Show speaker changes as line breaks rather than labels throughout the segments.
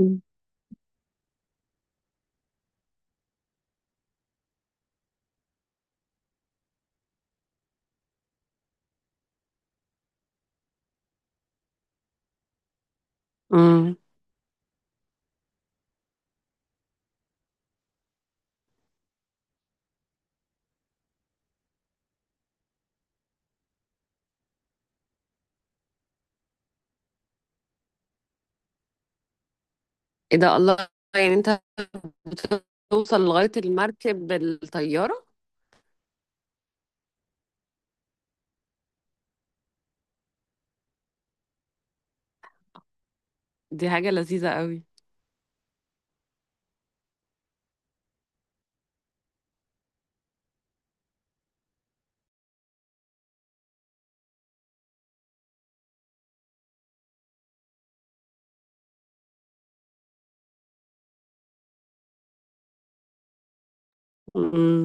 إمم. إمم. إيه ده! الله! يعني أنت بتوصل لغاية المركب بالطيارة؟ دي حاجة لذيذة أوي. إمم.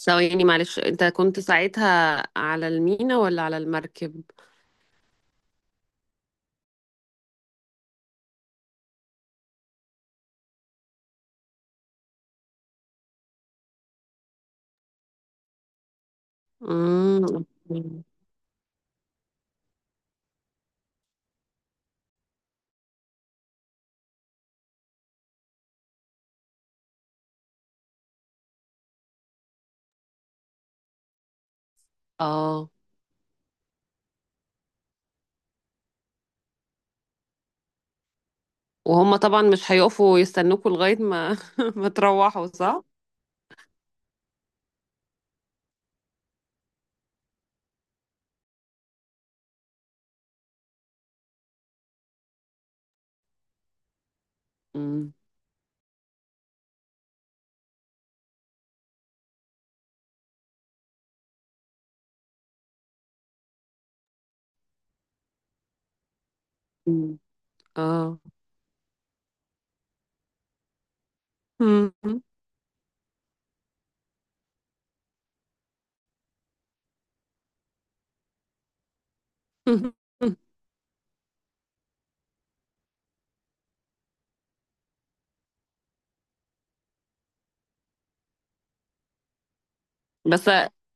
ثواني يعني معلش، أنت كنت ساعتها على المينا والّا على المركب؟ إمم، أوكي. آه. وهُم طبعًا مش هيقفوا يستنوكوا لغاية ما ما تروّحوا، صح؟ إمم. إمم. آه. بس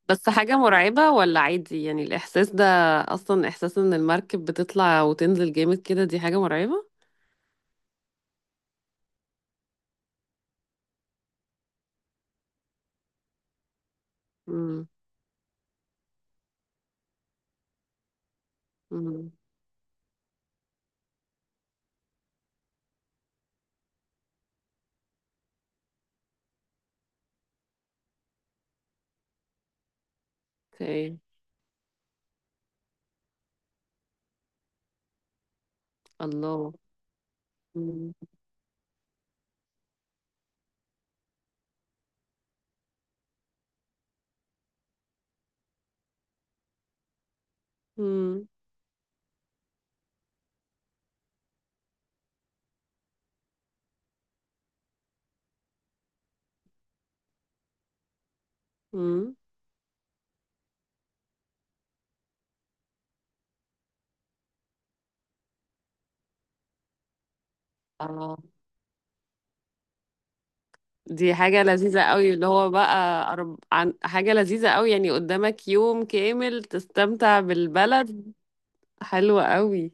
بس حاجة مرعبة ولا عادي، يعني الإحساس ده؟ أصلا إحساس إن المركب بتطلع وتنزل جامد كده، دي حاجة مرعبة؟ امم. امم. اوكي. الله. امم. امم. امم. اه. دي حاجة لذيذة قوي اللي هو بقى. حاجة لذيذة قوي، يعني قدامك يوم كامل تستمتع بالبلد. حلوة قوي.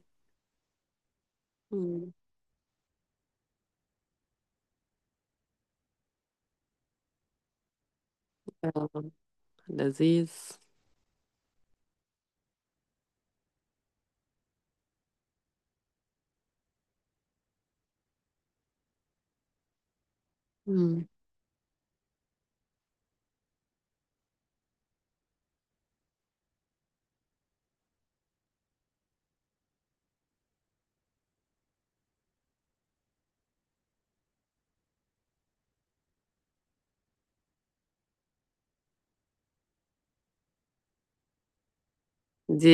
امم. آه، لذيذ. دي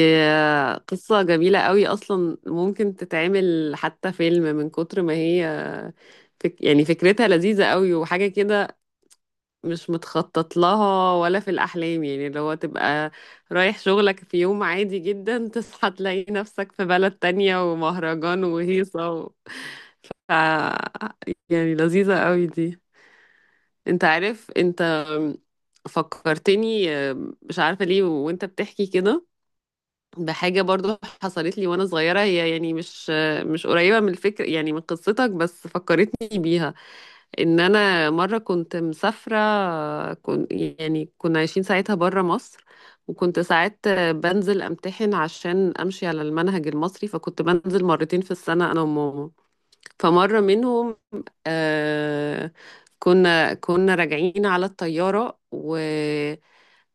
قصة جميلة قوي، أصلا ممكن تتعمل حتى فيلم من كتر ما هي. يعني فكرتها لذيذة قوي وحاجة كده، مش متخطط لها ولا في الأحلام، يعني اللي هو تبقى رايح شغلك في يوم عادي جدا تصحى تلاقي نفسك في بلد تانية ومهرجان وهيصة. ف... يعني لذيذة قوي دي. انت عارف، انت فكرتني، مش عارفة ليه وانت بتحكي كده بحاجة برضو حصلت لي وانا صغيرة، هي يعني مش قريبة من الفكر يعني من قصتك، بس فكرتني بيها. ان انا مرة كنت مسافرة، كنت يعني كنا عايشين ساعتها برا مصر، وكنت ساعات بنزل امتحن عشان امشي على المنهج المصري، فكنت بنزل مرتين في السنة انا وماما. فمرة منهم آه كنا راجعين على الطيارة و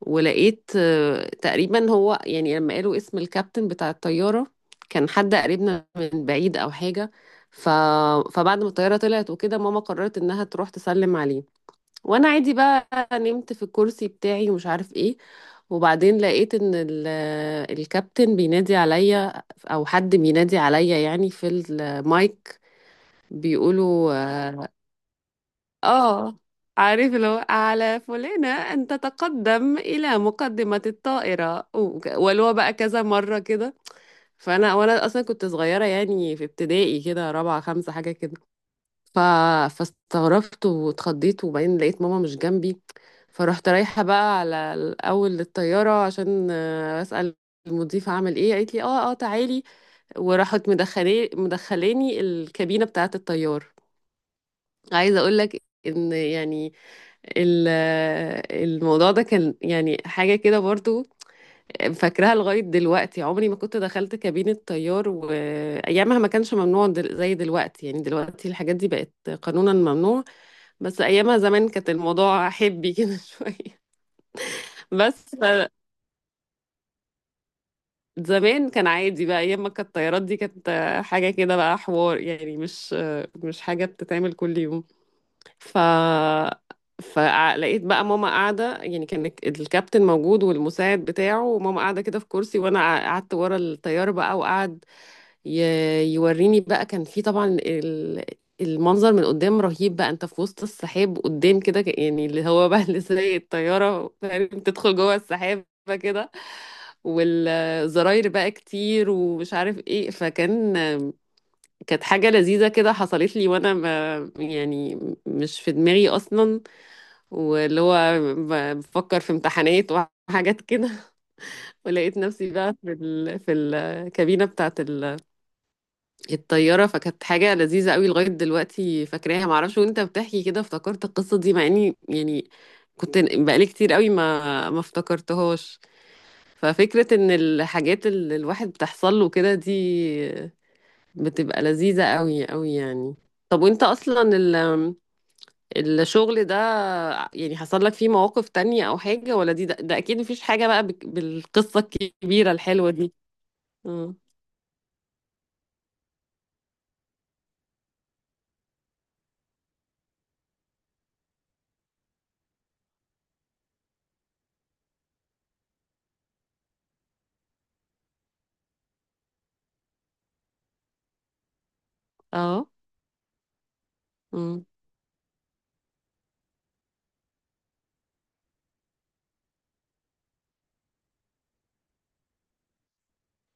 ولقيت تقريبا، هو يعني لما قالوا اسم الكابتن بتاع الطيارة كان حد قريبنا من بعيد أو حاجة. ف... فبعد ما الطيارة طلعت وكده، ماما قررت إنها تروح تسلم عليه، وأنا عادي بقى نمت في الكرسي بتاعي ومش عارف إيه. وبعدين لقيت إن الكابتن بينادي عليا، أو حد بينادي عليا يعني في المايك، بيقولوا اه عارف، لو على فلانة أن تتقدم إلى مقدمة الطائرة، ولو بقى كذا مرة كده. فأنا أصلا كنت صغيرة، يعني في ابتدائي كده، رابعة خمسة حاجة كده. ف... فاستغربت واتخضيت، وبعدين لقيت ماما مش جنبي، فرحت رايحة بقى على الأول للطيارة عشان أسأل المضيفة عمل إيه، قالت لي اه، اه، تعالي، وراحت مدخلاني الكابينة بتاعة الطيار. عايزة أقول لك ان يعني ال- الموضوع ده كان يعني حاجة كده برضو، فاكراها لغاية دلوقتي، عمري ما كنت دخلت كابينة طيار، وأيامها ما كانش ممنوع زي دلوقتي، يعني دلوقتي الحاجات دي بقت قانونا ممنوع، بس أيامها زمان كانت الموضوع حبي كده شوية. بس زمان كان عادي بقى، أيام ما كانت الطيارات دي كانت حاجة كده بقى حوار، يعني مش حاجة بتتعمل كل يوم. ف فلقيت بقى ماما قاعدة، يعني كان الكابتن موجود والمساعد بتاعه، وماما قاعدة كده في كرسي، وأنا قعدت ورا الطيارة بقى وقعد ي... يوريني بقى. كان في طبعا المنظر من قدام رهيب بقى، انت في وسط السحاب قدام كده، يعني اللي هو بقى اللي سايق الطيارة، فاهم؟ تدخل جوه السحاب كده، والزراير بقى كتير ومش عارف ايه، كانت حاجة لذيذة كده حصلت لي وانا يعني مش في دماغي اصلا، واللي هو بفكر في امتحانات وحاجات كده. ولقيت نفسي بقى في في الكابينة بتاعت الطيارة، فكانت حاجة لذيذة قوي لغاية دلوقتي فاكراها. معرفش وانت بتحكي كده افتكرت القصة دي، مع اني يعني كنت بقالي كتير قوي ما افتكرتهاش. ففكرة ان الحاجات اللي الواحد بتحصل له كده دي بتبقى لذيذة قوي قوي يعني. طب وانت اصلا الشغل ده، يعني حصل لك فيه مواقف تانية او حاجة، ولا ده اكيد مفيش حاجة بقى بالقصة الكبيرة الحلوة دي؟ اه. اه. امم.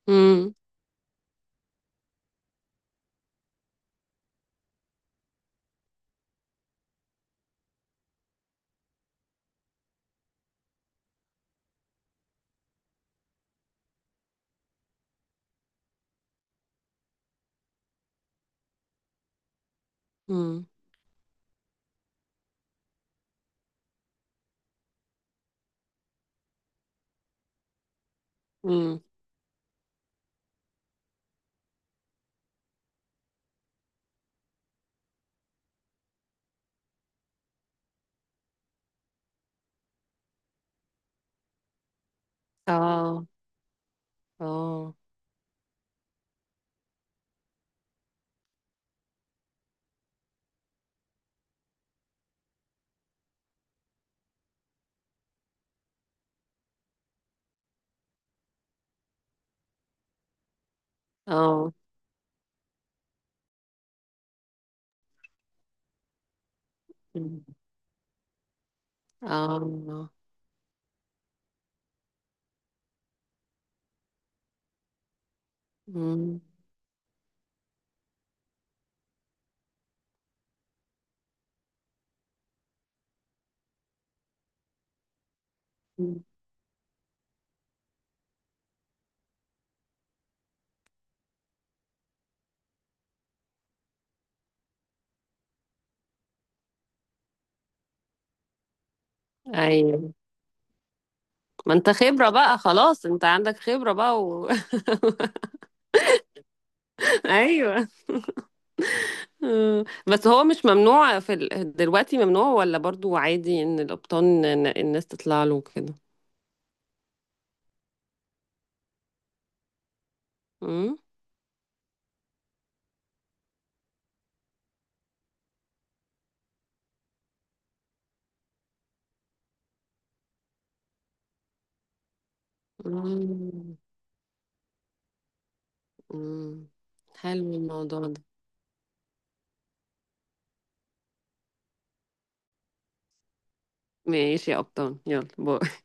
امم. امم. امم. اه. اه. اه. امم. اه. امم. امم. ايوه. ما انت خبرة بقى خلاص، انت عندك خبرة بقى. ايوه. بس هو مش ممنوع في دلوقتي؟ ممنوع ولا برضو عادي ان القبطان، الناس تطلع له كده؟ امم. أمم. أمم. حلو الموضوع ده. ماشي يا قبطان، يلا باي.